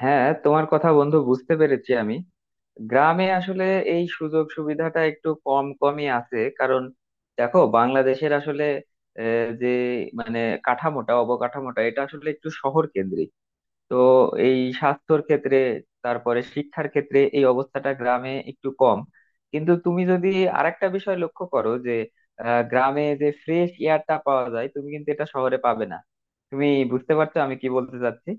হ্যাঁ, তোমার কথা বন্ধু বুঝতে পেরেছি আমি। গ্রামে আসলে এই সুযোগ সুবিধাটা একটু কম কমই আছে, কারণ দেখো বাংলাদেশের আসলে আহ, যে মানে কাঠামোটা অবকাঠামোটা এটা আসলে একটু শহর কেন্দ্রিক। তো এই স্বাস্থ্যর ক্ষেত্রে, তারপরে শিক্ষার ক্ষেত্রে এই অবস্থাটা গ্রামে একটু কম। কিন্তু তুমি যদি আরেকটা বিষয় লক্ষ্য করো, যে গ্রামে যে ফ্রেশ এয়ারটা পাওয়া যায় তুমি কিন্তু এটা শহরে পাবে না। তুমি বুঝতে পারছো আমি কি বলতে চাচ্ছি?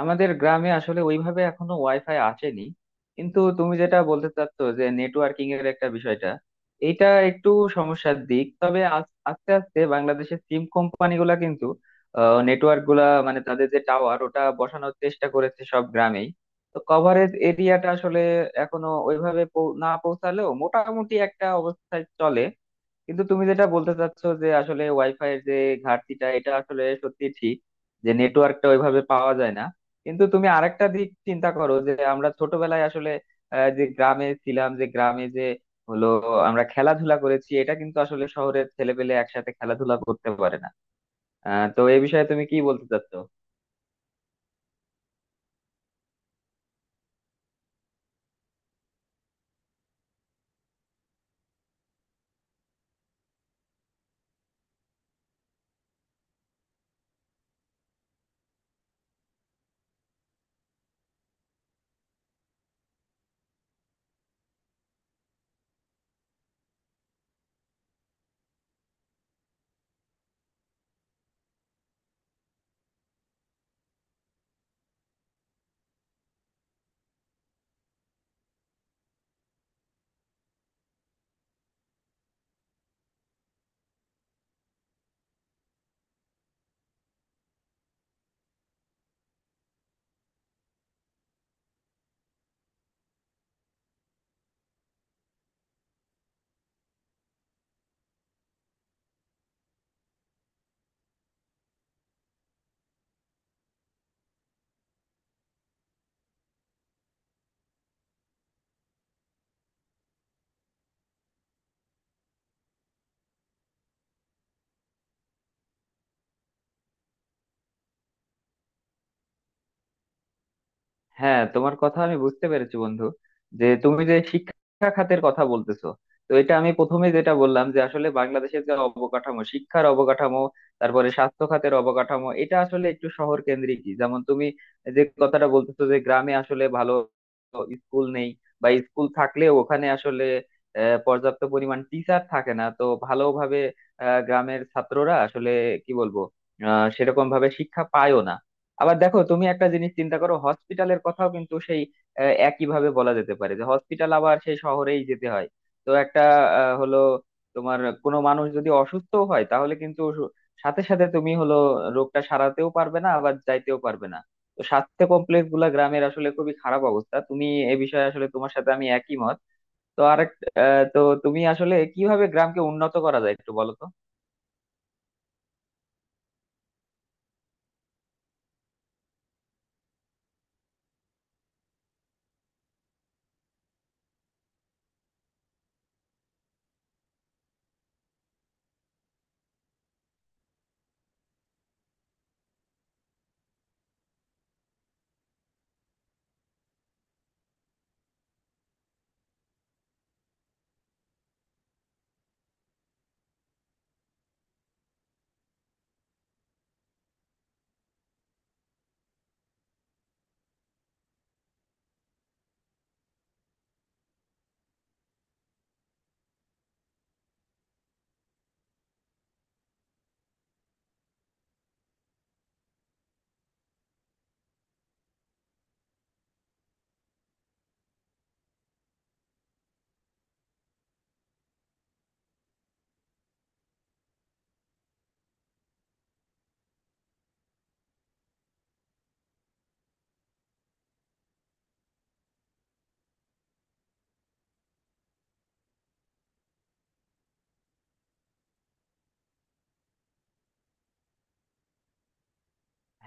আমাদের গ্রামে আসলে ওইভাবে এখনো ওয়াইফাই আসেনি, কিন্তু তুমি যেটা বলতে চাচ্ছ যে নেটওয়ার্কিং এর একটা বিষয়টা, এটা একটু সমস্যার দিক। তবে আস্তে আস্তে বাংলাদেশের সিম কোম্পানিগুলা কিন্তু নেটওয়ার্ক গুলা, মানে তাদের যে টাওয়ার ওটা বসানোর চেষ্টা করেছে সব গ্রামেই। তো কভারেজ এরিয়াটা আসলে এখনো ওইভাবে না পৌঁছালেও মোটামুটি একটা অবস্থায় চলে। কিন্তু তুমি যেটা বলতে চাচ্ছো যে আসলে ওয়াইফাই এর যে ঘাটতিটা, এটা আসলে সত্যি ঠিক যে নেটওয়ার্কটা ওইভাবে পাওয়া যায় না। কিন্তু তুমি আরেকটা দিক চিন্তা করো, যে আমরা ছোটবেলায় আসলে যে গ্রামে ছিলাম, যে গ্রামে যে হলো আমরা খেলাধুলা করেছি, এটা কিন্তু আসলে শহরের ছেলেপেলে একসাথে খেলাধুলা করতে পারে না। তো এই বিষয়ে তুমি কি বলতে চাচ্ছো? হ্যাঁ, তোমার কথা আমি বুঝতে পেরেছি বন্ধু, যে তুমি যে শিক্ষা খাতের কথা বলতেছো, তো এটা আমি প্রথমে যেটা বললাম যে আসলে বাংলাদেশের যে অবকাঠামো, শিক্ষার অবকাঠামো, তারপরে স্বাস্থ্য খাতের অবকাঠামো, এটা আসলে একটু শহর কেন্দ্রিকই। যেমন তুমি যে কথাটা বলতেছো যে গ্রামে আসলে ভালো স্কুল নেই, বা স্কুল থাকলেও ওখানে আসলে পর্যাপ্ত পরিমাণ টিচার থাকে না তো ভালোভাবে। গ্রামের ছাত্ররা আসলে, কি বলবো, সেরকম ভাবে শিক্ষা পায়ও না। আবার দেখো, তুমি একটা জিনিস চিন্তা করো, হসপিটালের কথাও কিন্তু সেই একইভাবে বলা যেতে পারে যে হসপিটাল আবার সেই শহরেই যেতে হয়। তো একটা আহ, হলো তোমার কোনো মানুষ যদি অসুস্থ হয় তাহলে কিন্তু সাথে সাথে তুমি রোগটা সারাতেও পারবে না, আবার যাইতেও পারবে না। তো স্বাস্থ্য কমপ্লেক্স গুলা গ্রামের আসলে খুবই খারাপ অবস্থা। তুমি, এ বিষয়ে আসলে তোমার সাথে আমি একই মত। তো তো তুমি আসলে কিভাবে গ্রামকে উন্নত করা যায় একটু বলো তো।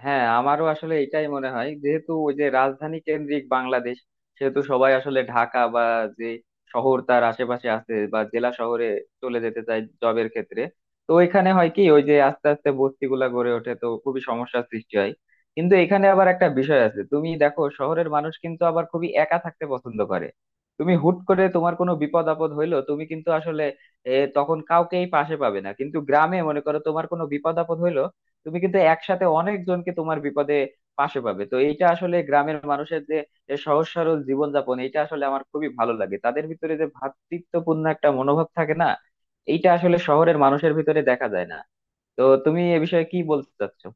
হ্যাঁ, আমারও আসলে এটাই মনে হয়, যেহেতু ওই যে রাজধানী কেন্দ্রিক বাংলাদেশ, সেহেতু সবাই আসলে ঢাকা বা যে শহর তার আশেপাশে আছে বা জেলা শহরে চলে যেতে চায় জবের ক্ষেত্রে। তো এখানে হয় কি, ওই যে আস্তে আস্তে বস্তিগুলা গড়ে ওঠে, তো খুবই সমস্যার সৃষ্টি হয়। কিন্তু এখানে আবার একটা বিষয় আছে, তুমি দেখো শহরের মানুষ কিন্তু আবার খুবই একা থাকতে পছন্দ করে। তুমি হুট করে তোমার কোনো বিপদ আপদ হইলো, তুমি কিন্তু আসলে তখন কাউকেই পাশে পাবে না। কিন্তু গ্রামে মনে করো তোমার কোনো বিপদ আপদ হইলো, তুমি কিন্তু একসাথে অনেকজনকে তোমার বিপদে পাশে পাবে। তো এইটা আসলে গ্রামের মানুষের যে যে সহজ সরল জীবনযাপন, এটা আসলে আমার খুবই ভালো লাগে। তাদের ভিতরে যে ভ্রাতৃত্বপূর্ণ একটা মনোভাব থাকে না, এইটা আসলে শহরের মানুষের ভিতরে দেখা যায় না। তো তুমি এ বিষয়ে কি বলতে চাচ্ছো?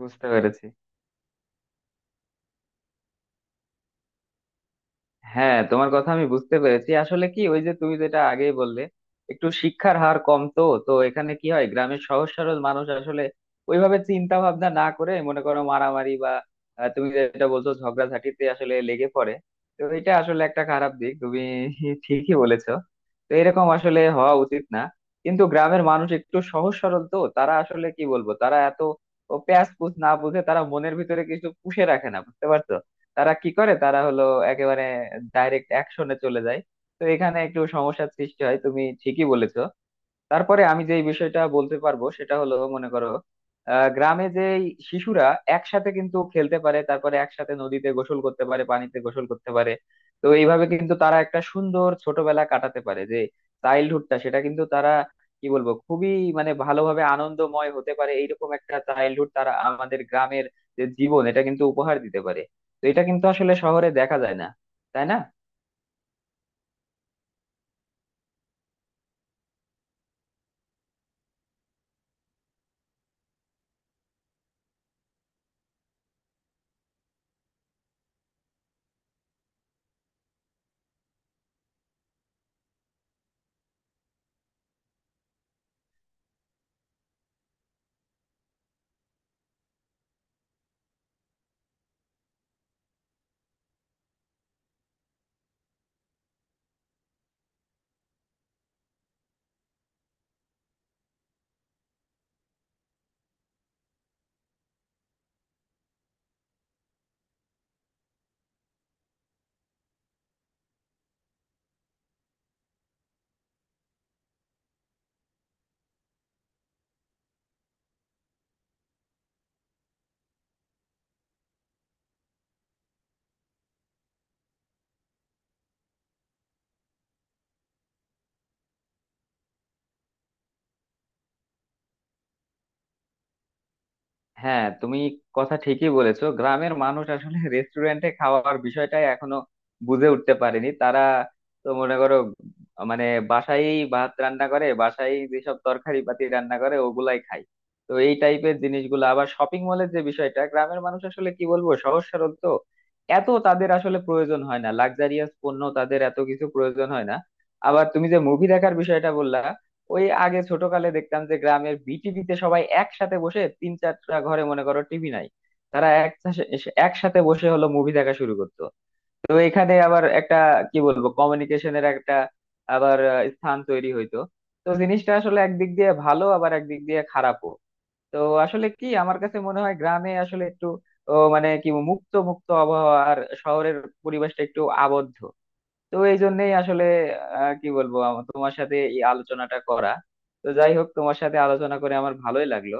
বুঝতে পেরেছি। হ্যাঁ, তোমার কথা আমি বুঝতে পেরেছি। আসলে কি, ওই যে তুমি যেটা আগেই বললে, একটু শিক্ষার হার কম, তো তো এখানে কি হয়, গ্রামের সহজ সরল মানুষ আসলে ওইভাবে চিন্তা ভাবনা না করে, মনে করো মারামারি বা তুমি যেটা বলছো ঝগড়াঝাটিতে আসলে লেগে পড়ে। তো এটা আসলে একটা খারাপ দিক, তুমি ঠিকই বলেছো। তো এরকম আসলে হওয়া উচিত না। কিন্তু গ্রামের মানুষ একটু সহজ সরল, তো তারা আসলে, কি বলবো, তারা এত প্যাঁচ পুচ না বুঝে, তারা মনের ভিতরে কিছু পুষে রাখে না, বুঝতে পারছো? তারা কি করে, তারা হলো একেবারে ডাইরেক্ট অ্যাকশনে চলে যায়। তো এখানে একটু সমস্যার সৃষ্টি হয়, তুমি ঠিকই বলেছো। তারপরে আমি যে বিষয়টা বলতে পারবো সেটা হলো, মনে করো গ্রামে যে শিশুরা একসাথে কিন্তু খেলতে পারে, তারপরে একসাথে নদীতে গোসল করতে পারে, পানিতে গোসল করতে পারে। তো এইভাবে কিন্তু তারা একটা সুন্দর ছোটবেলা কাটাতে পারে, যে চাইল্ডহুডটা, সেটা কিন্তু তারা, কি বলবো, খুবই, মানে ভালোভাবে আনন্দময় হতে পারে। এইরকম একটা চাইল্ডহুড তারা আমাদের গ্রামের যে জীবন, এটা কিন্তু উপহার দিতে পারে। তো এটা কিন্তু আসলে শহরে দেখা যায় না, তাই না? হ্যাঁ, তুমি কথা ঠিকই বলেছো। গ্রামের মানুষ আসলে রেস্টুরেন্টে খাওয়ার বিষয়টাই এখনো বুঝে উঠতে পারেনি তারা। তো মনে করো, মানে বাসায় ভাত রান্না করে, বাসায় যেসব তরকারি পাতি রান্না করে ওগুলাই খায়। তো এই টাইপের জিনিসগুলো, আবার শপিং মলের যে বিষয়টা, গ্রামের মানুষ আসলে, কি বলবো, সহজ সরল তো এত তাদের আসলে প্রয়োজন হয় না, লাক্সারিয়াস পণ্য তাদের এত কিছু প্রয়োজন হয় না। আবার তুমি যে মুভি দেখার বিষয়টা বললা, ওই আগে ছোটকালে দেখতাম যে গ্রামের বিটিভিতে সবাই একসাথে বসে, তিন চারটা ঘরে মনে করো টিভি নাই, তারা একসাথে একসাথে বসে মুভি দেখা শুরু করতো। তো এখানে আবার একটা, কি বলবো, কমিউনিকেশনের একটা আবার স্থান তৈরি হইতো। তো জিনিসটা আসলে একদিক দিয়ে ভালো, আবার একদিক দিয়ে খারাপও। তো আসলে কি, আমার কাছে মনে হয় গ্রামে আসলে একটু মানে কি মুক্ত মুক্ত আবহাওয়া, আর শহরের পরিবেশটা একটু আবদ্ধ। তো এই জন্যই আসলে কি বলবো, আমার তোমার সাথে এই আলোচনাটা করা। তো যাই হোক, তোমার সাথে আলোচনা করে আমার ভালোই লাগলো।